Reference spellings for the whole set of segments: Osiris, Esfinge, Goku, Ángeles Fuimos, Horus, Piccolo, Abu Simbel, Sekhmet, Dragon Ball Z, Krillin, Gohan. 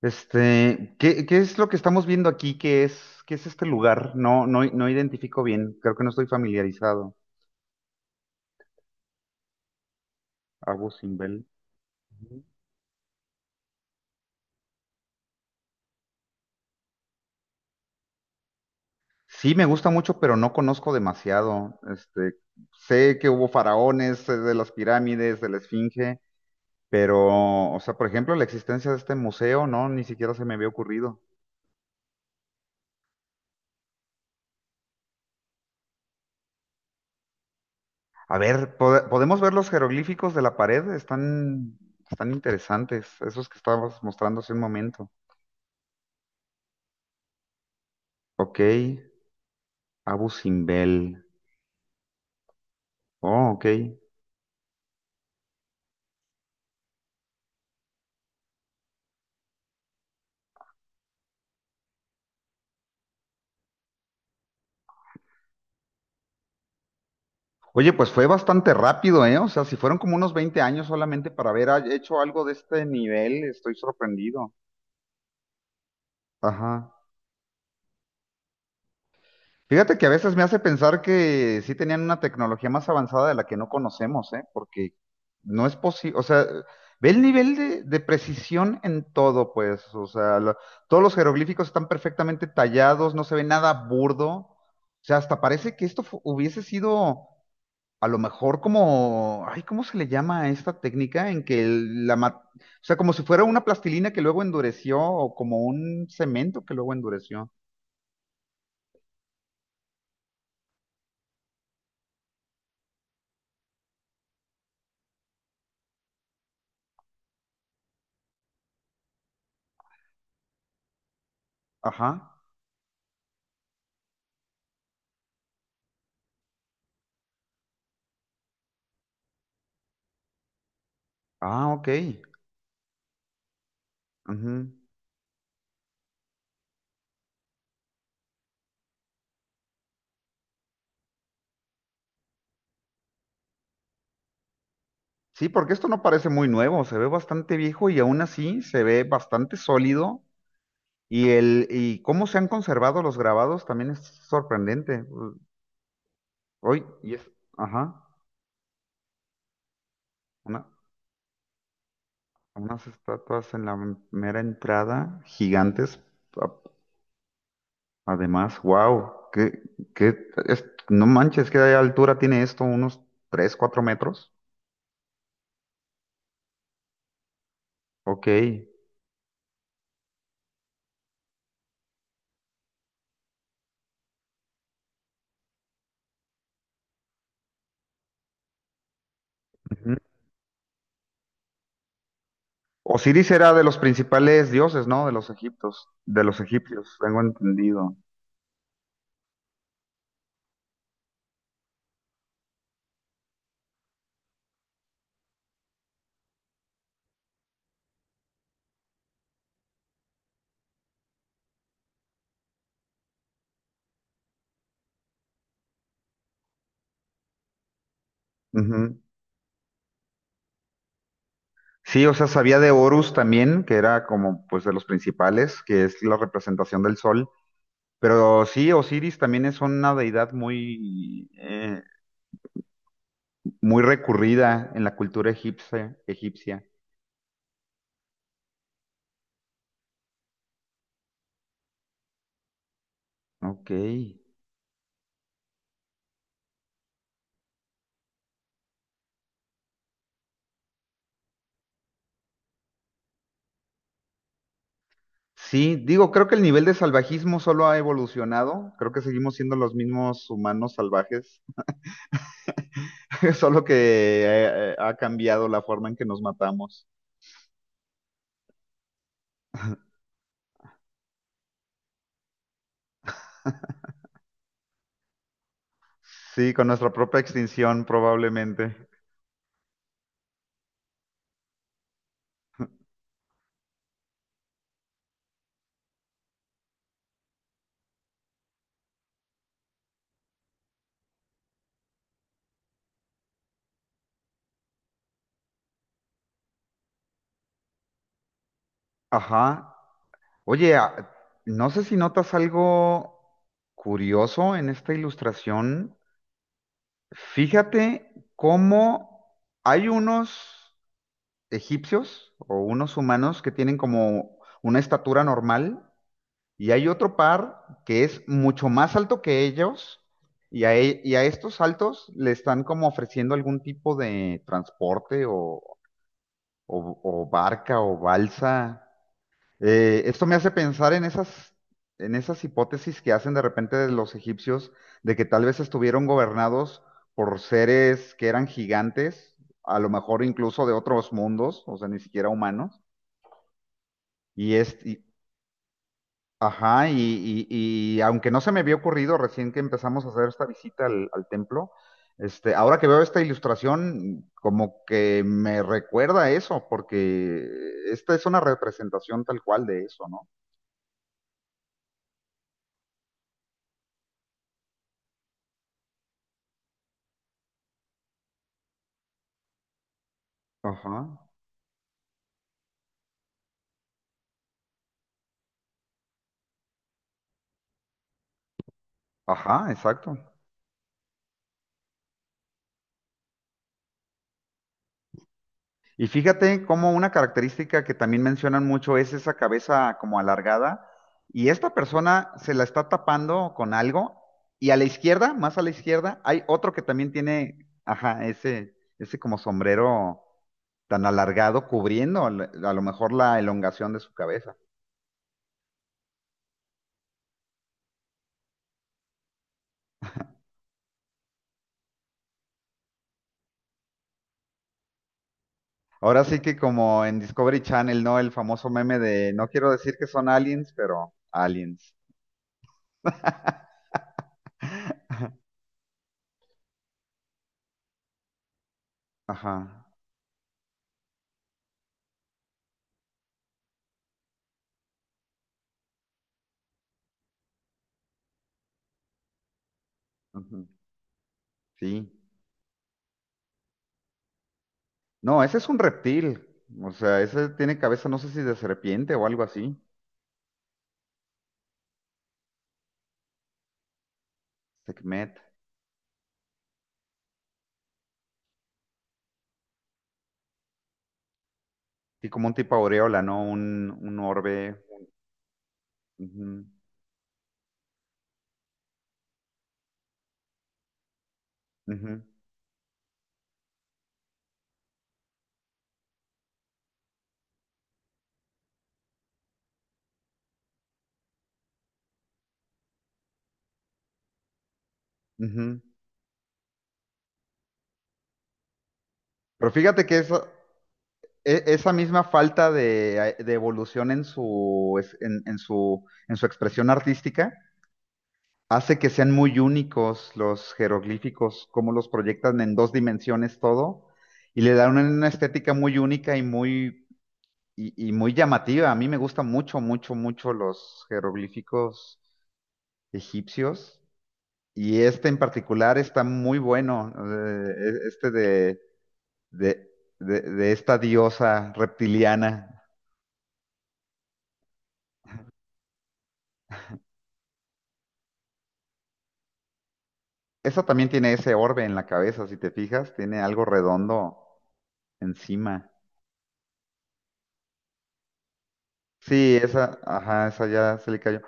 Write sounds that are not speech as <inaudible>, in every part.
Este, ¿qué es lo que estamos viendo aquí? ¿Qué es este lugar? No, no, no identifico bien. Creo que no estoy familiarizado. Abu Simbel. Ujú. Sí, me gusta mucho, pero no conozco demasiado. Este, sé que hubo faraones, sé de las pirámides, de la Esfinge, pero, o sea, por ejemplo, la existencia de este museo, no, ni siquiera se me había ocurrido. A ver, ¿podemos ver los jeroglíficos de la pared? Están interesantes, esos que estabas mostrando hace un momento. Ok, Abu Simbel. Oh, ok. Oye, pues fue bastante rápido, ¿eh? O sea, si fueron como unos 20 años solamente para haber hecho algo de este nivel, estoy sorprendido. Ajá. Fíjate que a veces me hace pensar que sí tenían una tecnología más avanzada de la que no conocemos, ¿eh? Porque no es posible, o sea, ve el nivel de precisión en todo, pues, o sea, la- todos los jeroglíficos están perfectamente tallados, no se ve nada burdo, o sea, hasta parece que esto fu- hubiese sido A lo mejor como, ay, ¿cómo se le llama a esta técnica en que el- la, ma- o sea, como si fuera una plastilina que luego endureció o como un cemento que luego endureció. Ajá. Ah, ok. Ujú. Sí, porque esto no parece muy nuevo, se ve bastante viejo y aún así se ve bastante sólido y el y cómo se han conservado los grabados también es sorprendente. Hoy y es, ajá, una- unas estatuas en la mera entrada gigantes. Además, wow, que no manches, ¿qué altura tiene esto? ¿Unos 3 o 4 metros? Ok. Ujú. Osiris era de los principales dioses, ¿no? De los egiptos, de los egipcios, tengo entendido. Ujú. Sí, o sea, sabía de Horus también, que era como pues de los principales, que es la representación del sol. Pero sí, Osiris también es una deidad muy, muy recurrida en la cultura egipcia, egipcia. Ok. Sí, digo, creo que el nivel de salvajismo solo ha evolucionado, creo que seguimos siendo los mismos humanos salvajes, <laughs> solo que ha cambiado la forma en que nos matamos. Sí, con nuestra propia extinción probablemente. Ajá. Oye, no sé si notas algo curioso en esta ilustración. Fíjate cómo hay unos egipcios o unos humanos que tienen como una estatura normal. Y hay otro par que es mucho más alto que ellos y a estos altos le están como ofreciendo algún tipo de transporte o barca o balsa. Esto me hace pensar en esas hipótesis que hacen de repente de los egipcios de que tal vez estuvieron gobernados por seres que eran gigantes, a lo mejor incluso de otros mundos, o sea, ni siquiera humanos. Y, es- y Ajá, y aunque no se me había ocurrido recién que empezamos a hacer esta visita al, al templo, este, ahora que veo esta ilustración, como que me recuerda a eso, porque esta es una representación tal cual de eso, ¿no? Ajá, ajá, exacto. Y fíjate cómo una característica que también mencionan mucho es esa cabeza como alargada. Y esta persona se la está tapando con algo. Y a la izquierda, más a la izquierda, hay otro que también tiene, ajá, ese como sombrero tan alargado cubriendo a lo mejor la elongación de su cabeza. Ahora sí que como en Discovery Channel, ¿no? El famoso meme de no quiero decir que son aliens, pero aliens. Ajá. Ujú, sí. No, ese es un reptil. O sea, ese tiene cabeza, no sé si de serpiente o algo así. Sekhmet. Sí, como un tipo aureola, ¿no? Un orbe. Ujú, ujú, ujú. Pero fíjate que eso, esa misma falta de evolución en su, en su expresión artística hace que sean muy únicos los jeroglíficos, como los proyectan en dos dimensiones todo, y le dan una estética muy única y muy llamativa. A mí me gustan mucho, mucho, mucho los jeroglíficos egipcios. Y este en particular está muy bueno, eh, e- este de, de, de, de esta diosa reptiliana. Esa también tiene ese orbe en la cabeza, si te fijas, tiene algo redondo encima. Sí, esa, ajá, esa ya se le cayó.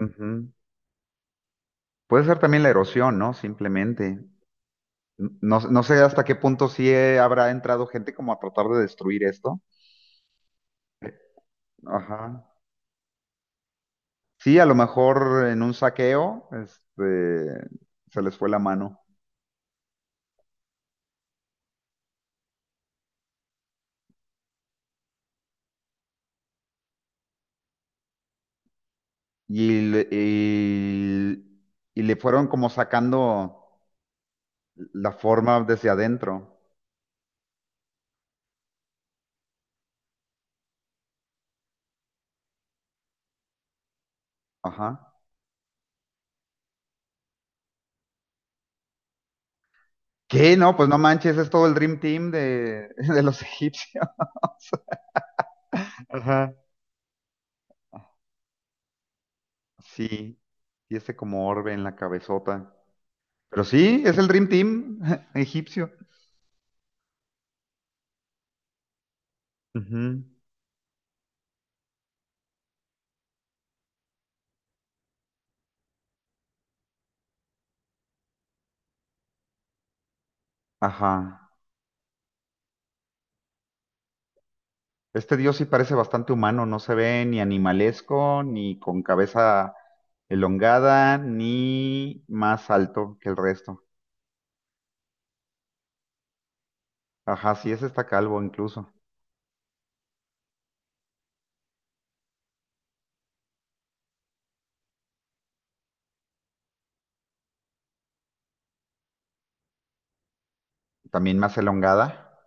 Ujú. Puede ser también la erosión, ¿no? Simplemente. No, no sé hasta qué punto sí habrá entrado gente como a tratar de destruir esto. Ajá. Sí, a lo mejor en un saqueo, este, se les fue la mano y, le- y- y le fueron como sacando la forma desde adentro. Ajá. ¿Qué? No, pues no manches, es todo el Dream Team de, <laughs> de los egipcios. Ajá. Sí, y ese como orbe en la cabezota. Pero sí, es el Dream Team <laughs> egipcio. Ujú. Ajá. Este dios sí parece bastante humano, no se ve ni animalesco, ni con cabeza elongada, ni más alto que el resto. Ajá, sí, ese está calvo incluso. También más elongada.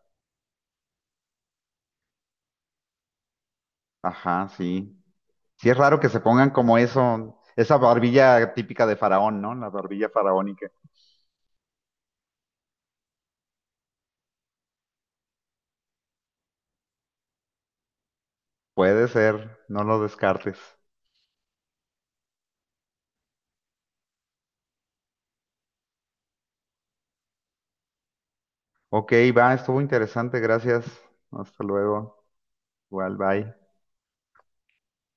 Ajá, sí. Sí es raro que se pongan como eso, esa barbilla típica de faraón, ¿no? La barbilla faraónica. Puede ser, no lo descartes. Ok, va, estuvo interesante, gracias. Hasta luego. Igual, bye.